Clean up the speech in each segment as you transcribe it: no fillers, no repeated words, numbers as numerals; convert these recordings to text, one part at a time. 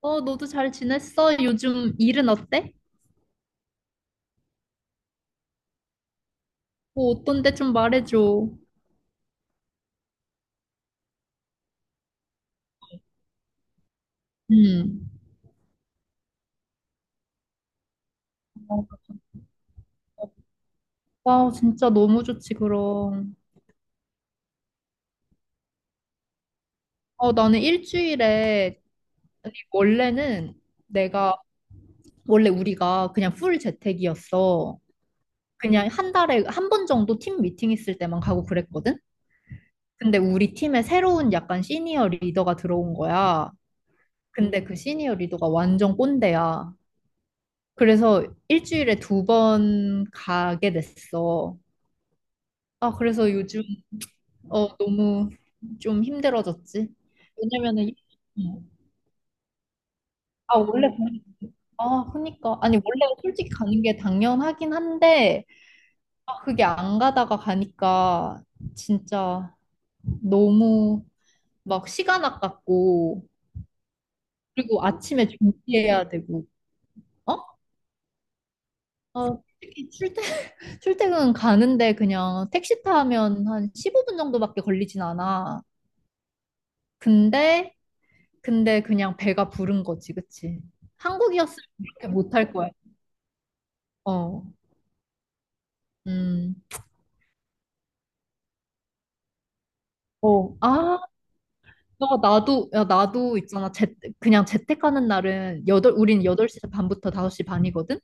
어, 너도 잘 지냈어? 요즘 일은 어때? 뭐 어떤데 좀 말해줘. 음. 어, 아, 진짜 너무 좋지, 그럼. 어, 나는 일주일에, 아니, 내가, 원래 우리가 그냥 풀 재택이었어. 그냥 한 달에 한 번 정도 팀 미팅 있을 때만 가고 그랬거든? 근데 우리 팀에 새로운 약간 시니어 리더가 들어온 거야. 근데 그 시니어 리더가 완전 꼰대야. 그래서 일주일에 두 번 가게 됐어. 아, 그래서 요즘 너무 좀 힘들어졌지. 왜냐면은 음. 아 원래 그아 그니까 아니 원래 솔직히 가는 게 당연하긴 한데, 그게 안 가다가 가니까 진짜 너무 막 시간 아깝고, 그리고 아침에 준비해야 되고. 어? 아히 출퇴 출퇴근 가는데 그냥 택시 타면 한 15분 정도밖에 걸리진 않아. 근데 근데 그냥 배가 부른 거지, 그치? 한국이었으면 그렇게 못 할 거야. 어, 음, 어, 아, 나도. 야, 나도 있잖아. 그냥 재택 가는 날은, 우린 8시 반부터 5시 반이거든?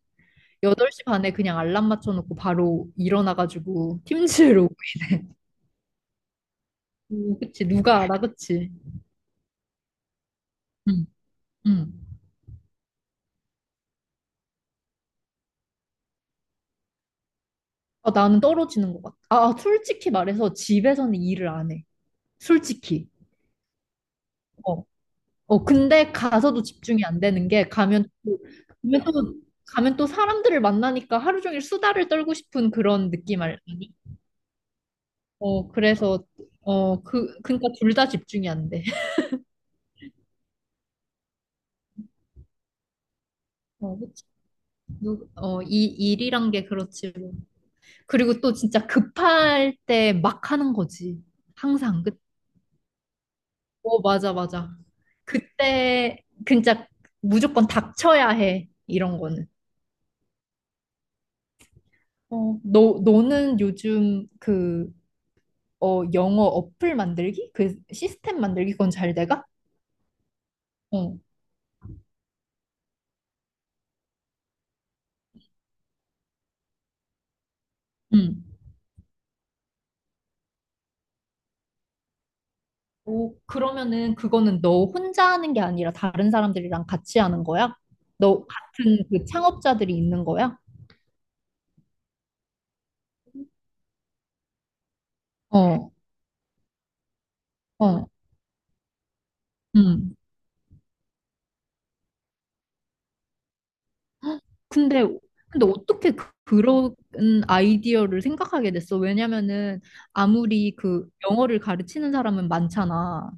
8시 반에 그냥 알람 맞춰놓고 바로 일어나가지고 팀즈를 오고 이래. 그치? 누가 알아, 그치? 응, 응. 아, 나는 떨어지는 것 같아. 아, 솔직히 말해서 집에서는 일을 안 해. 솔직히. 어. 어, 근데 가서도 집중이 안 되는 게, 가면 또, 가면 또 사람들을 만나니까 하루 종일 수다를 떨고 싶은 그런 느낌 아니? 어, 그래서, 어, 그러니까 둘 다 집중이 안 돼. 어, 그치. 어, 이 일이란 게 그렇지. 뭐. 그리고 또 진짜 급할 때 막 하는 거지. 항상. 그, 어, 맞아, 맞아. 그때 진짜 무조건 닥쳐야 해, 이런 거는. 어, 너는 요즘 그, 어, 영어 어플 만들기? 그 시스템 만들기, 그건 잘 돼가? 어. 음. 오, 그러면은 그거는 너 혼자 하는 게 아니라 다른 사람들이랑 같이 하는 거야? 너 같은 그 창업자들이 있는 거야? 어, 어, 음. 헉. 근데, 근데 어떻게 그런 아이디어를 생각하게 됐어? 왜냐면은 아무리 그 영어를 가르치는 사람은 많잖아.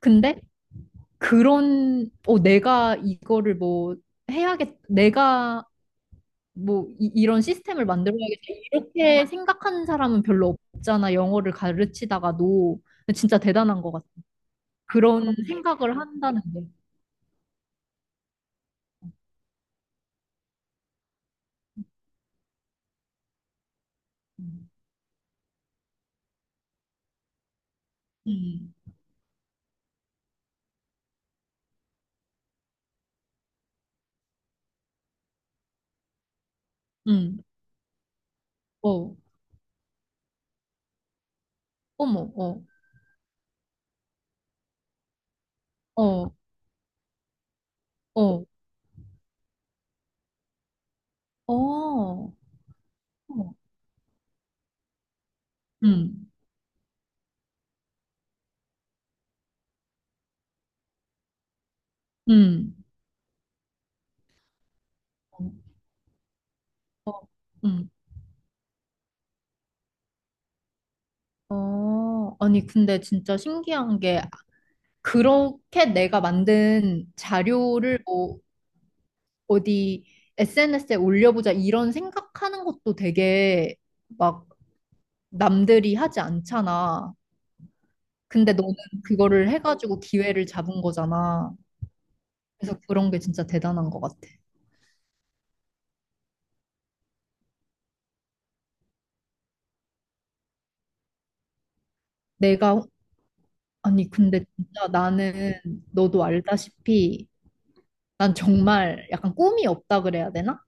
근데 그런, 어, 내가 이거를 뭐 내가 뭐 이, 런 시스템을 만들어야겠다 이렇게 생각하는 사람은 별로 없잖아, 영어를 가르치다가도. 진짜 대단한 것 같아, 그런 생각을 한다는 게. 음, 음, 음. 어, 어머, 어, 어, 어, 어, 어, 음, 음, 어, 어, 음, 어. 아니 근데 진짜 신기한 게, 그렇게 내가 만든 자료를 뭐 어디 SNS에 올려보자 이런 생각하는 것도 되게 막 남들이 하지 않잖아. 근데 너는 그거를 해가지고 기회를 잡은 거잖아. 그래서 그런 게 진짜 대단한 것 같아. 내가, 아니, 근데 진짜 나는, 너도 알다시피 난 정말 약간 꿈이 없다 그래야 되나?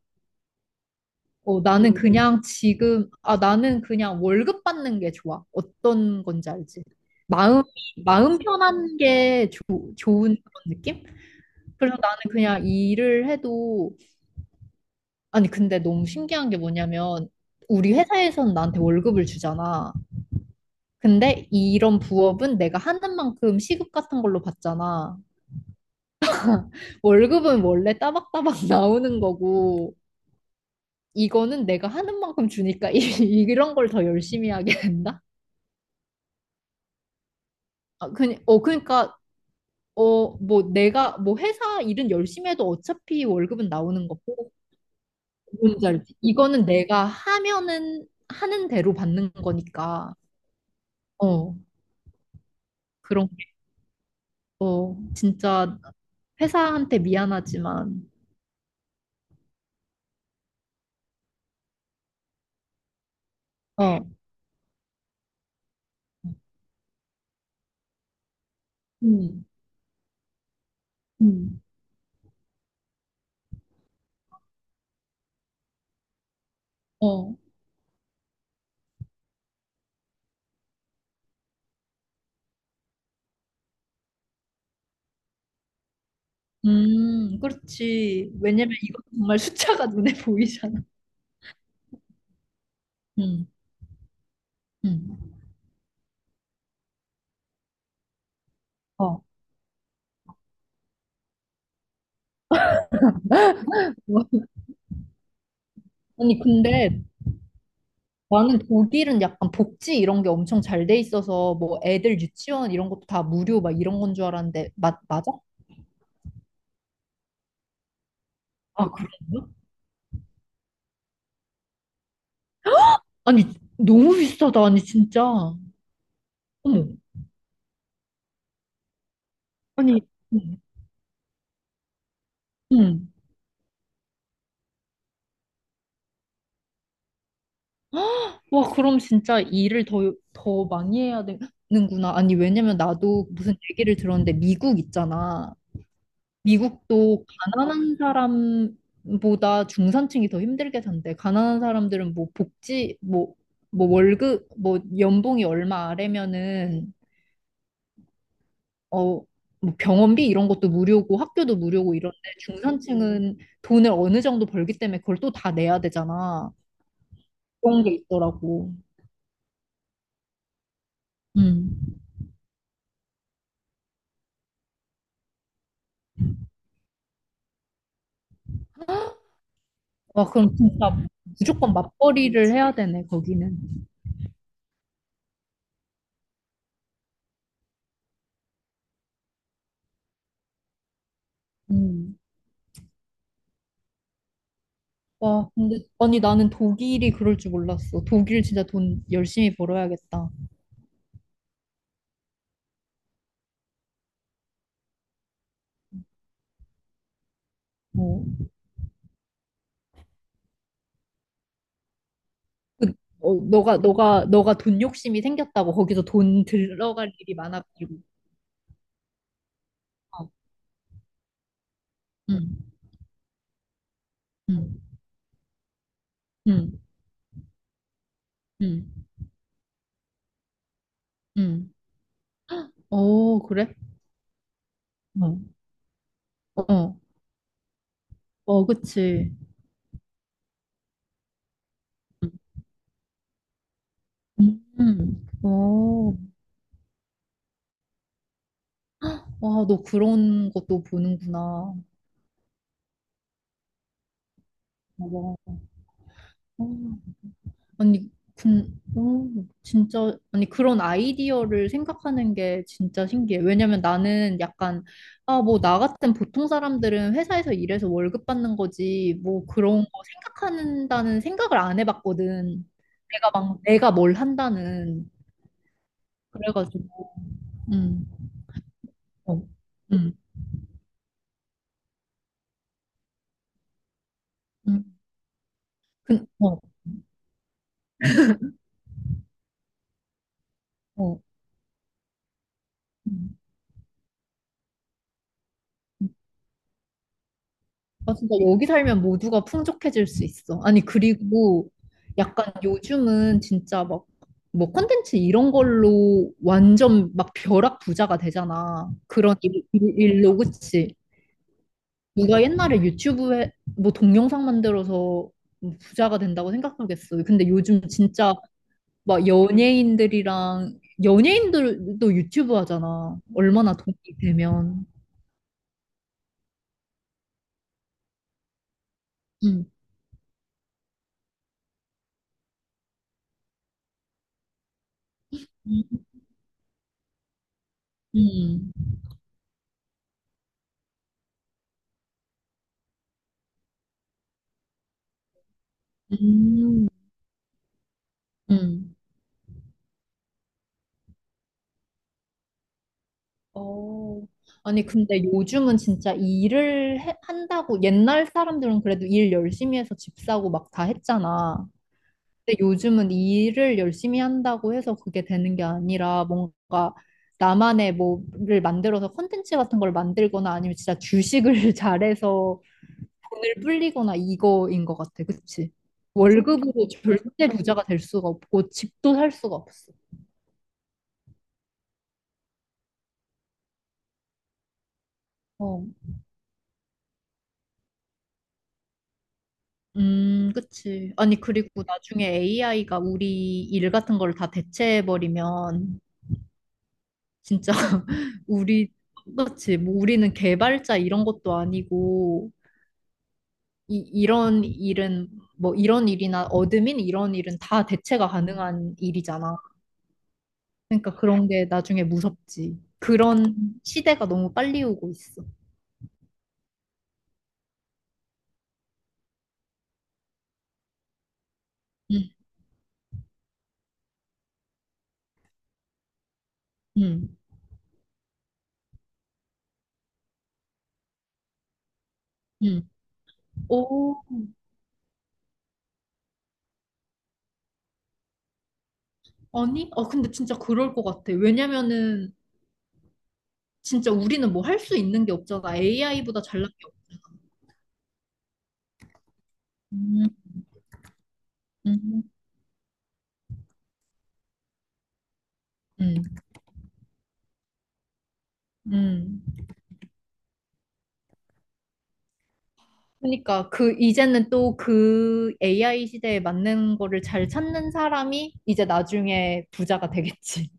어, 나는 그냥 지금, 아, 나는 그냥 월급 받는 게 좋아. 어떤 건지 알지? 마음, 마음 편한 게 좋은 그런 느낌? 그래서 나는 그냥 일을 해도, 아니 근데 너무 신기한 게 뭐냐면, 우리 회사에서는 나한테 월급을 주잖아. 근데 이런 부업은 내가 하는 만큼 시급 같은 걸로 받잖아. 월급은 원래 따박따박 나오는 거고, 이거는 내가 하는 만큼 주니까 이런 걸 더 열심히 하게 된다. 아, 어, 그러니까 어 뭐 내가 뭐 회사 일은 열심히 해도 어차피 월급은 나오는 거고. 뭔지 알지? 이거는 내가 하면은 하는 대로 받는 거니까. 어, 그런 게, 어, 진짜 회사한테 미안하지만. 어, 음, 음, 어, 그렇지. 왜냐면 이거 정말 숫자가 눈에 보이잖아. 음, 음, 어. 아니, 근데 나는 독일은 약간 복지 이런 게 엄청 잘 돼 있어서 뭐 애들 유치원 이런 것도 다 무료 막 이런 건 줄 알았는데, 맞아? 아, 그래? 아니, 너무 비싸다. 아니, 진짜. 어머. 아니, 음, 음. 와, 그럼 진짜 일을 더 많이 해야 되는구나. 아니, 왜냐면 나도 무슨 얘기를 들었는데, 미국 있잖아. 미국도 가난한 사람보다 중산층이 더 힘들게 산대. 가난한 사람들은 뭐 복지, 뭐, 뭐 연봉이 얼마 아래면은 어, 뭐 병원비 이런 것도 무료고 학교도 무료고 이런데, 중산층은 돈을 어느 정도 벌기 때문에 그걸 또 다 내야 되잖아. 그런 게 있더라고. 음. 와, 그럼 진짜 무조건 맞벌이를 해야 되네, 거기는. 음. 와, 근데, 아니, 나는 독일이 그럴 줄 몰랐어. 독일 진짜 돈 열심히 벌어야겠다. 어, 그, 어, 너가 돈 욕심이 생겼다고 거기서 돈 들어갈 일이 많아가지고. 어, 응, 응, 응, 응, 응. 어, 그래? 어. 어, 어, 그치. 어, 와, 너 그런 것도 보는구나. 맞아. 어, 아니, 어, 진짜, 아니, 그런 아이디어를 생각하는 게 진짜 신기해. 왜냐면 나는 약간, 아, 뭐, 나 같은 보통 사람들은 회사에서 일해서 월급 받는 거지, 뭐, 그런 거 생각한다는 생각을 안 해봤거든. 내가 뭘 한다는. 그래가지고, 음, 어, 음, 음. 어, 어. 음. 아, 진짜 여기 살면 모두가 풍족해질 수 있어. 아니, 그리고 약간 요즘은 진짜 막, 뭐 컨텐츠 이런 걸로 완전 막 벼락 부자가 되잖아. 그런 일로, 그치? 누가 옛날에 유튜브에 뭐 동영상 만들어서 부자가 된다고 생각하겠어. 근데 요즘 진짜 막 연예인들도 유튜브 하잖아. 얼마나 돈이 되면. 응. 음. 음. 음. 음. 어. 아니, 근데 요즘은 진짜 한다고. 옛날 사람들은 그래도 일 열심히 해서 집 사고 막 다 했잖아. 근데 요즘은 일을 열심히 한다고 해서 그게 되는 게 아니라, 뭔가 나만의 뭐를 만들어서 콘텐츠 같은 걸 만들거나, 아니면 진짜 주식을 잘해서 돈을 불리거나 이거인 것 같아. 그치? 월급으로 절대 부자가 될 수가 없고, 집도 살 수가 없어. 그치. 아니, 그리고 나중에 AI가 우리 일 같은 걸 다 대체해버리면, 진짜, 우리, 그치. 뭐, 우리는 개발자 이런 것도 아니고, 이런 일은, 뭐, 이런 일이나 어드민 이런 일은 다 대체가 가능한 일이잖아. 그러니까 그런 게 나중에 무섭지. 그런 시대가 너무 빨리 오고 있어. 응, 응, 응. 오, 아니? 아, 근데 진짜 그럴 것 같아. 왜냐면은 진짜 우리는 뭐 할 수 있는 게 없잖아. AI보다 잘난 게 없어. 음, 음, 음, 음. 그러니까 그 이제는 또 그 AI 시대에 맞는 거를 잘 찾는 사람이 이제 나중에 부자가 되겠지.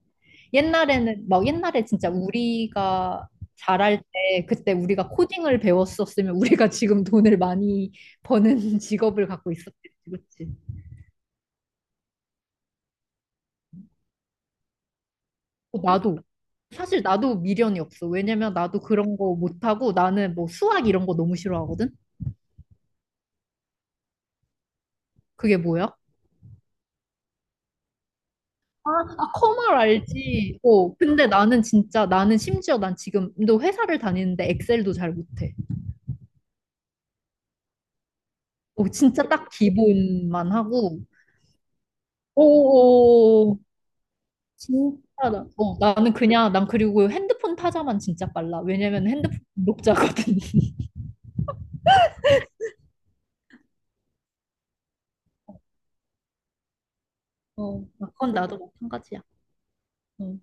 옛날에는 막 옛날에 진짜 우리가 잘할 때, 그때 우리가 코딩을 배웠었으면 우리가 지금 돈을 많이 버는 직업을 갖고 있었겠지, 그치? 어, 나도. 사실 나도 미련이 없어. 왜냐면 나도 그런 거 못하고, 나는 뭐 수학 이런 거 너무 싫어하거든? 그게 뭐야? 아, 아, 커말 알지. 어, 근데 나는 진짜, 나는 심지어 난 지금도 회사를 다니는데 엑셀도 잘 못해. 어, 진짜 딱 기본만 하고. 오, 진짜 나, 어, 난 그리고 핸드폰 타자만 진짜 빨라. 왜냐면 핸드폰 독자거든. 어, 그건 나도 마찬가지야. 어,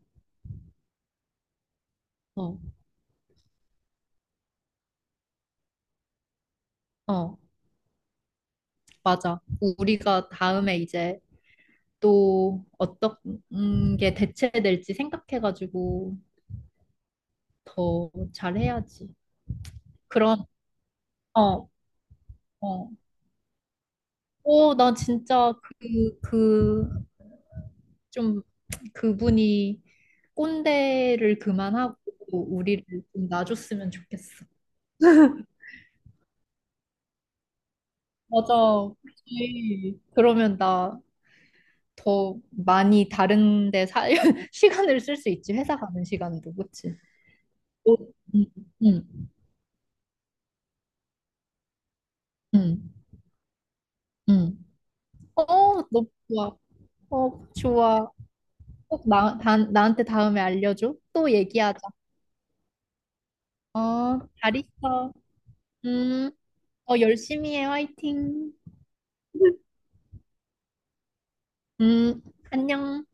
어, 어, 맞아. 우리가 다음에 이제 또 어떤 게 대체될지 생각해가지고 더 잘해야지. 그런, 어, 어. 오, 나 진짜 좀, 그분이 꼰대를 그만하고 우리를 좀 놔줬으면 좋겠어. 맞아. 그치. 그러면 나 더 많이 다른 데 시간을 쓸 수 있지. 회사 가는 시간도. 그치? 어, 응, 응, 응, 응. 어, 너무 좋아. 어, 좋아. 꼭 나한테 다음에 알려줘. 또 얘기하자. 어, 잘 있어. 음, 어, 열심히 해. 화이팅. 음, 안녕.